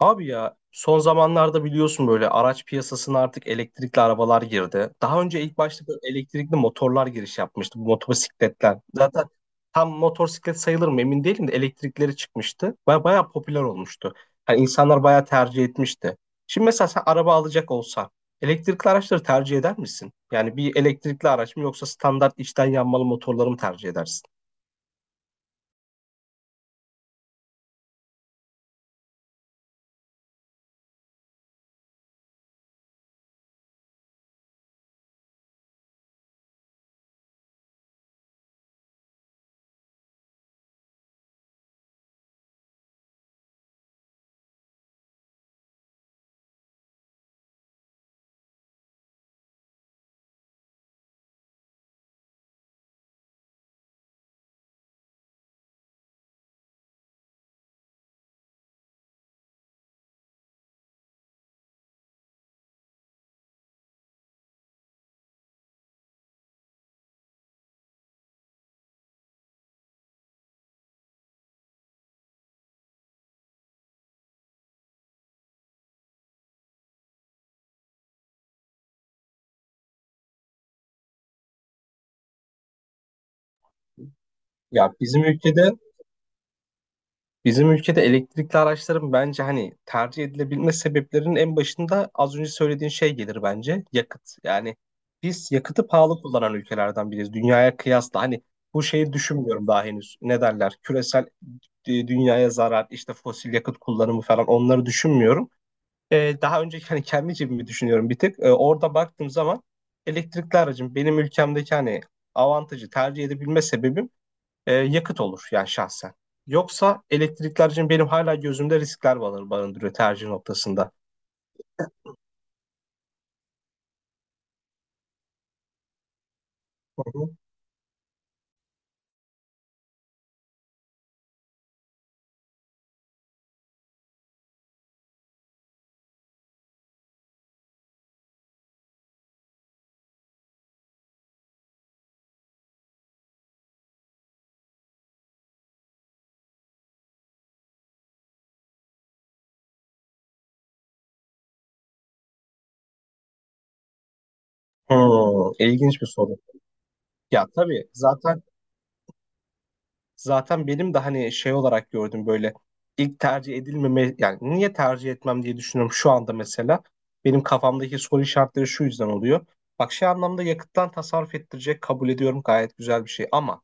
Abi ya son zamanlarda biliyorsun böyle araç piyasasına artık elektrikli arabalar girdi. Daha önce ilk başta böyle elektrikli motorlar giriş yapmıştı bu motosikletler. Zaten tam motosiklet sayılır mı emin değilim de elektrikleri çıkmıştı. Bayağı popüler olmuştu. Hani insanlar bayağı tercih etmişti. Şimdi mesela sen araba alacak olsan elektrikli araçları tercih eder misin? Yani bir elektrikli araç mı yoksa standart içten yanmalı motorları mı tercih edersin? Ya bizim ülkede Bizim ülkede elektrikli araçların bence hani tercih edilebilme sebeplerinin en başında az önce söylediğin şey gelir bence. Yakıt. Yani biz yakıtı pahalı kullanan ülkelerden biriyiz. Dünyaya kıyasla hani bu şeyi düşünmüyorum daha henüz. Ne derler? Küresel dünyaya zarar, işte fosil yakıt kullanımı falan onları düşünmüyorum. Daha önce hani kendi cebimi düşünüyorum bir tık. Orada baktığım zaman elektrikli aracın benim ülkemdeki hani avantajı tercih edebilme sebebim yakıt olur yani şahsen. Yoksa elektrikler için benim hala gözümde riskler barındırıyor tercih noktasında. Hı hı. Hmm, ilginç bir soru. Ya tabii zaten benim de hani şey olarak gördüm böyle ilk tercih edilmeme, yani niye tercih etmem diye düşünüyorum şu anda mesela. Benim kafamdaki soru işaretleri şu yüzden oluyor. Bak şey anlamda yakıttan tasarruf ettirecek, kabul ediyorum gayet güzel bir şey. Ama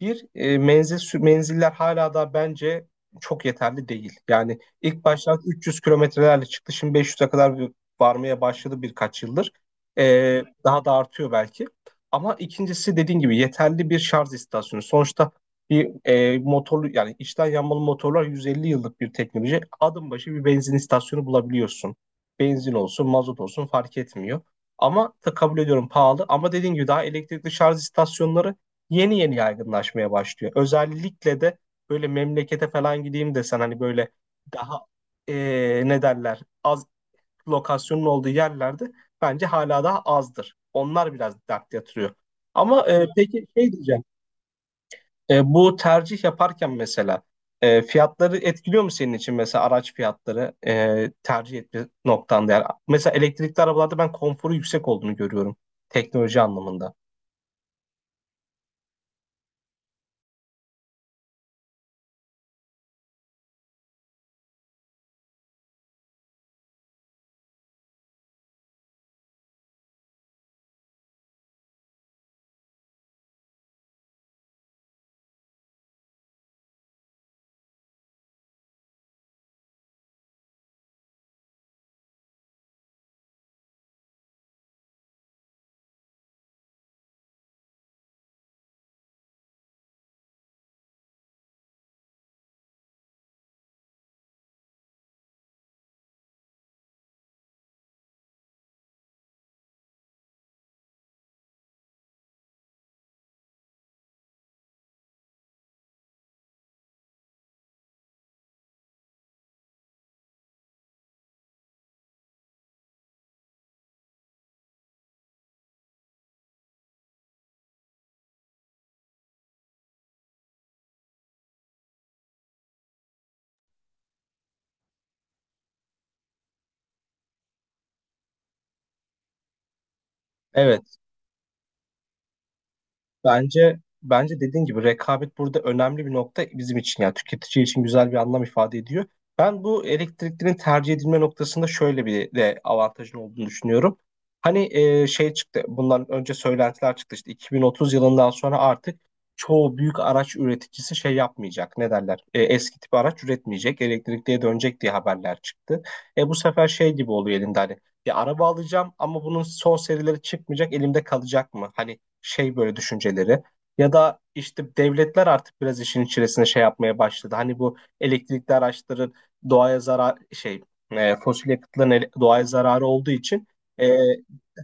Menziller hala da bence çok yeterli değil. Yani ilk başta 300 kilometrelerle çıktı. Şimdi 500'e kadar varmaya başladı birkaç yıldır. E, Daha da artıyor belki. Ama ikincisi dediğin gibi yeterli bir şarj istasyonu. Sonuçta bir motorlu, yani içten yanmalı motorlar 150 yıllık bir teknoloji. Adım başı bir benzin istasyonu bulabiliyorsun. Benzin olsun, mazot olsun fark etmiyor. Ama da kabul ediyorum, pahalı. Ama dediğin gibi daha elektrikli şarj istasyonları yeni yeni yaygınlaşmaya başlıyor. Özellikle de böyle memlekete falan gideyim desen hani böyle daha ne derler, az lokasyonun olduğu yerlerde bence hala daha azdır. Onlar biraz dert yatırıyor. Ama peki şey diyeceğim. Bu tercih yaparken mesela fiyatları etkiliyor mu senin için, mesela araç fiyatları tercih etme noktanda? Yani mesela elektrikli arabalarda ben konforu yüksek olduğunu görüyorum, teknoloji anlamında. Evet, bence dediğin gibi rekabet burada önemli bir nokta, bizim için yani tüketici için güzel bir anlam ifade ediyor. Ben bu elektriklerin tercih edilme noktasında şöyle bir de avantajın olduğunu düşünüyorum. Hani şey çıktı, bundan önce söylentiler çıktı, işte 2030 yılından sonra artık çoğu büyük araç üreticisi şey yapmayacak. Ne derler? Eski tip araç üretmeyecek, elektrikliye dönecek diye haberler çıktı. Bu sefer şey gibi oluyor elinde hani. Ya araba alacağım ama bunun son serileri çıkmayacak, elimde kalacak mı? Hani şey böyle düşünceleri. Ya da işte devletler artık biraz işin içerisine şey yapmaya başladı. Hani bu elektrikli araçların doğaya zarar şey, fosil yakıtların doğaya zararı olduğu için e,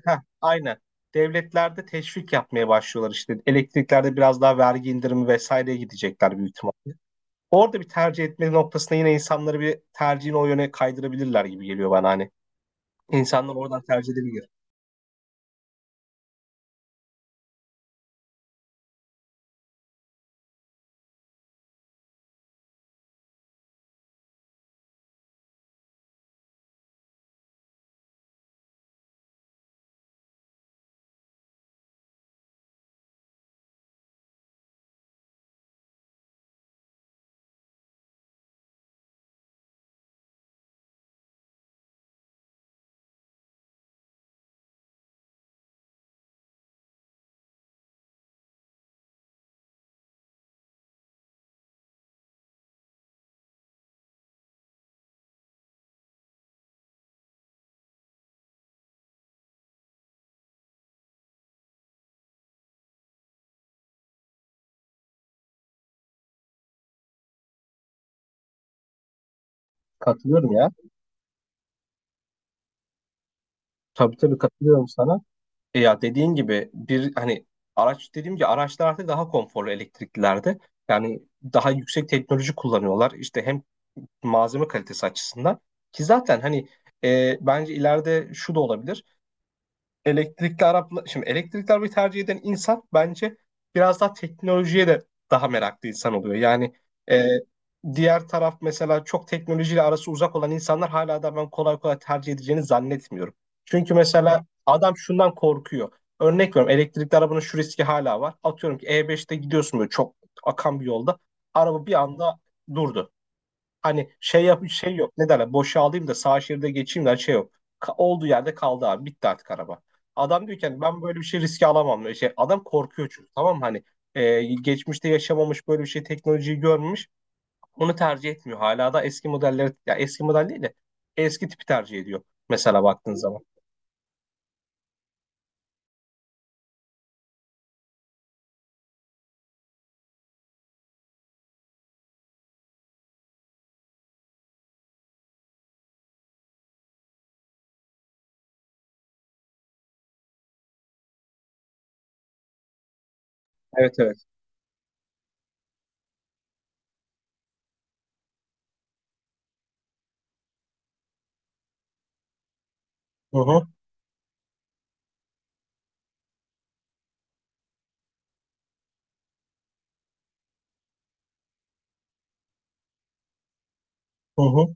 aynen, devletlerde teşvik yapmaya başlıyorlar işte. Elektriklerde biraz daha vergi indirimi vesaireye gidecekler büyük ihtimalle. Orada bir tercih etme noktasında yine insanları, bir tercihini o yöne kaydırabilirler gibi geliyor bana hani. İnsanlar oradan tercih edebilir. Katılıyorum ya. Tabii, tabii, katılıyorum sana. Ya dediğin gibi bir hani araç, dediğim gibi araçlar artık daha konforlu elektriklilerde. Yani daha yüksek teknoloji kullanıyorlar. İşte hem malzeme kalitesi açısından, ki zaten hani bence ileride şu da olabilir: elektrikli araba, şimdi elektrikli arabayı tercih eden insan bence biraz daha teknolojiye de daha meraklı insan oluyor. Yani e, diğer taraf mesela çok teknolojiyle arası uzak olan insanlar hala da ben kolay kolay tercih edeceğini zannetmiyorum. Çünkü mesela adam şundan korkuyor. Örnek veriyorum, elektrikli arabanın şu riski hala var. Atıyorum ki E5'te gidiyorsun böyle çok akan bir yolda. Araba bir anda durdu. Hani şey yap şey yok. Ne derler? Boşalayım da sağ şeride geçeyim de, hani şey yok. Olduğu yerde kaldı abi. Bitti artık araba. Adam diyor ki hani ben böyle bir şey riske alamam. Şey, adam korkuyor çünkü, tamam mı? Hani geçmişte yaşamamış, böyle bir şey teknolojiyi görmemiş. Onu tercih etmiyor. Hala da eski modelleri, ya eski model değil de eski tipi tercih ediyor. Mesela baktığın zaman. Evet, evet. Hı hı, hı hı.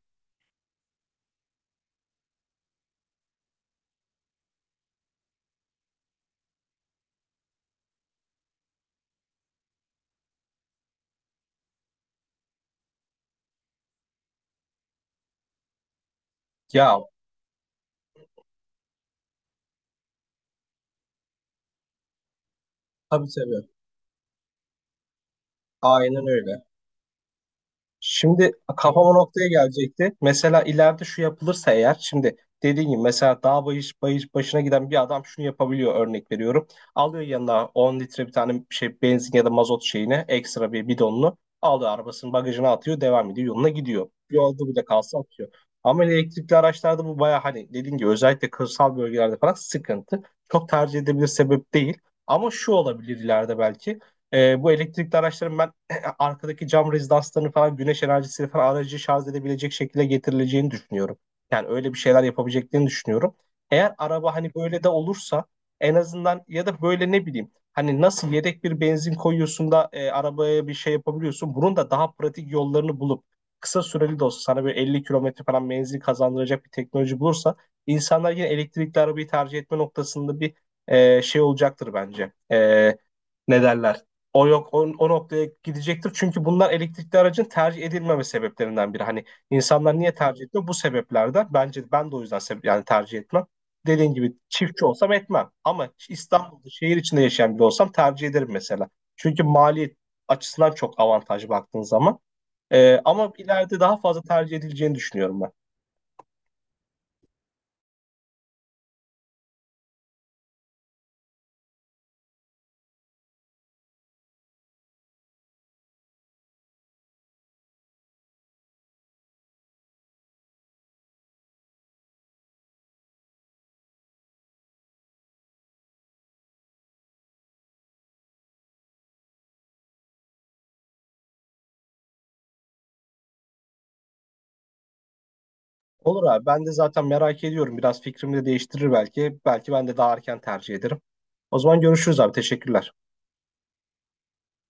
Ya tabii, tabii. Aynen öyle. Şimdi kafama noktaya gelecekti. Mesela ileride şu yapılırsa eğer, şimdi dediğim gibi mesela dağ bayış, bayış başına giden bir adam şunu yapabiliyor, örnek veriyorum. Alıyor yanına 10 litre bir tane şey benzin ya da mazot şeyini, ekstra bir bidonunu alıyor arabasının bagajına, atıyor, devam ediyor yoluna gidiyor. Yolda bile kalsa atıyor. Ama elektrikli araçlarda bu baya, hani dediğim gibi özellikle kırsal bölgelerde falan sıkıntı. Çok tercih edebilir sebep değil. Ama şu olabilir ileride belki. Bu elektrikli araçların ben arkadaki cam rezidanslarını falan güneş enerjisiyle falan aracı şarj edebilecek şekilde getirileceğini düşünüyorum. Yani öyle bir şeyler yapabileceklerini düşünüyorum. Eğer araba hani böyle de olursa en azından, ya da böyle ne bileyim hani nasıl yedek bir benzin koyuyorsun da arabaya bir şey yapabiliyorsun. Bunun da daha pratik yollarını bulup kısa süreli de olsa sana böyle 50 kilometre falan menzil kazandıracak bir teknoloji bulursa, insanlar yine elektrikli arabayı tercih etme noktasında bir şey olacaktır bence. Ne derler? O yok o, o noktaya gidecektir. Çünkü bunlar elektrikli aracın tercih edilmeme sebeplerinden biri. Hani insanlar niye tercih ediyor? Bu sebeplerden. Bence ben de o yüzden yani tercih etmem. Dediğin gibi çiftçi olsam etmem. Ama İstanbul'da şehir içinde yaşayan biri olsam tercih ederim mesela. Çünkü maliyet açısından çok avantajlı baktığın zaman. Ama ileride daha fazla tercih edileceğini düşünüyorum ben. Olur abi, ben de zaten merak ediyorum. Biraz fikrimi de değiştirir belki. Belki ben de daha erken tercih ederim. O zaman görüşürüz abi. Teşekkürler.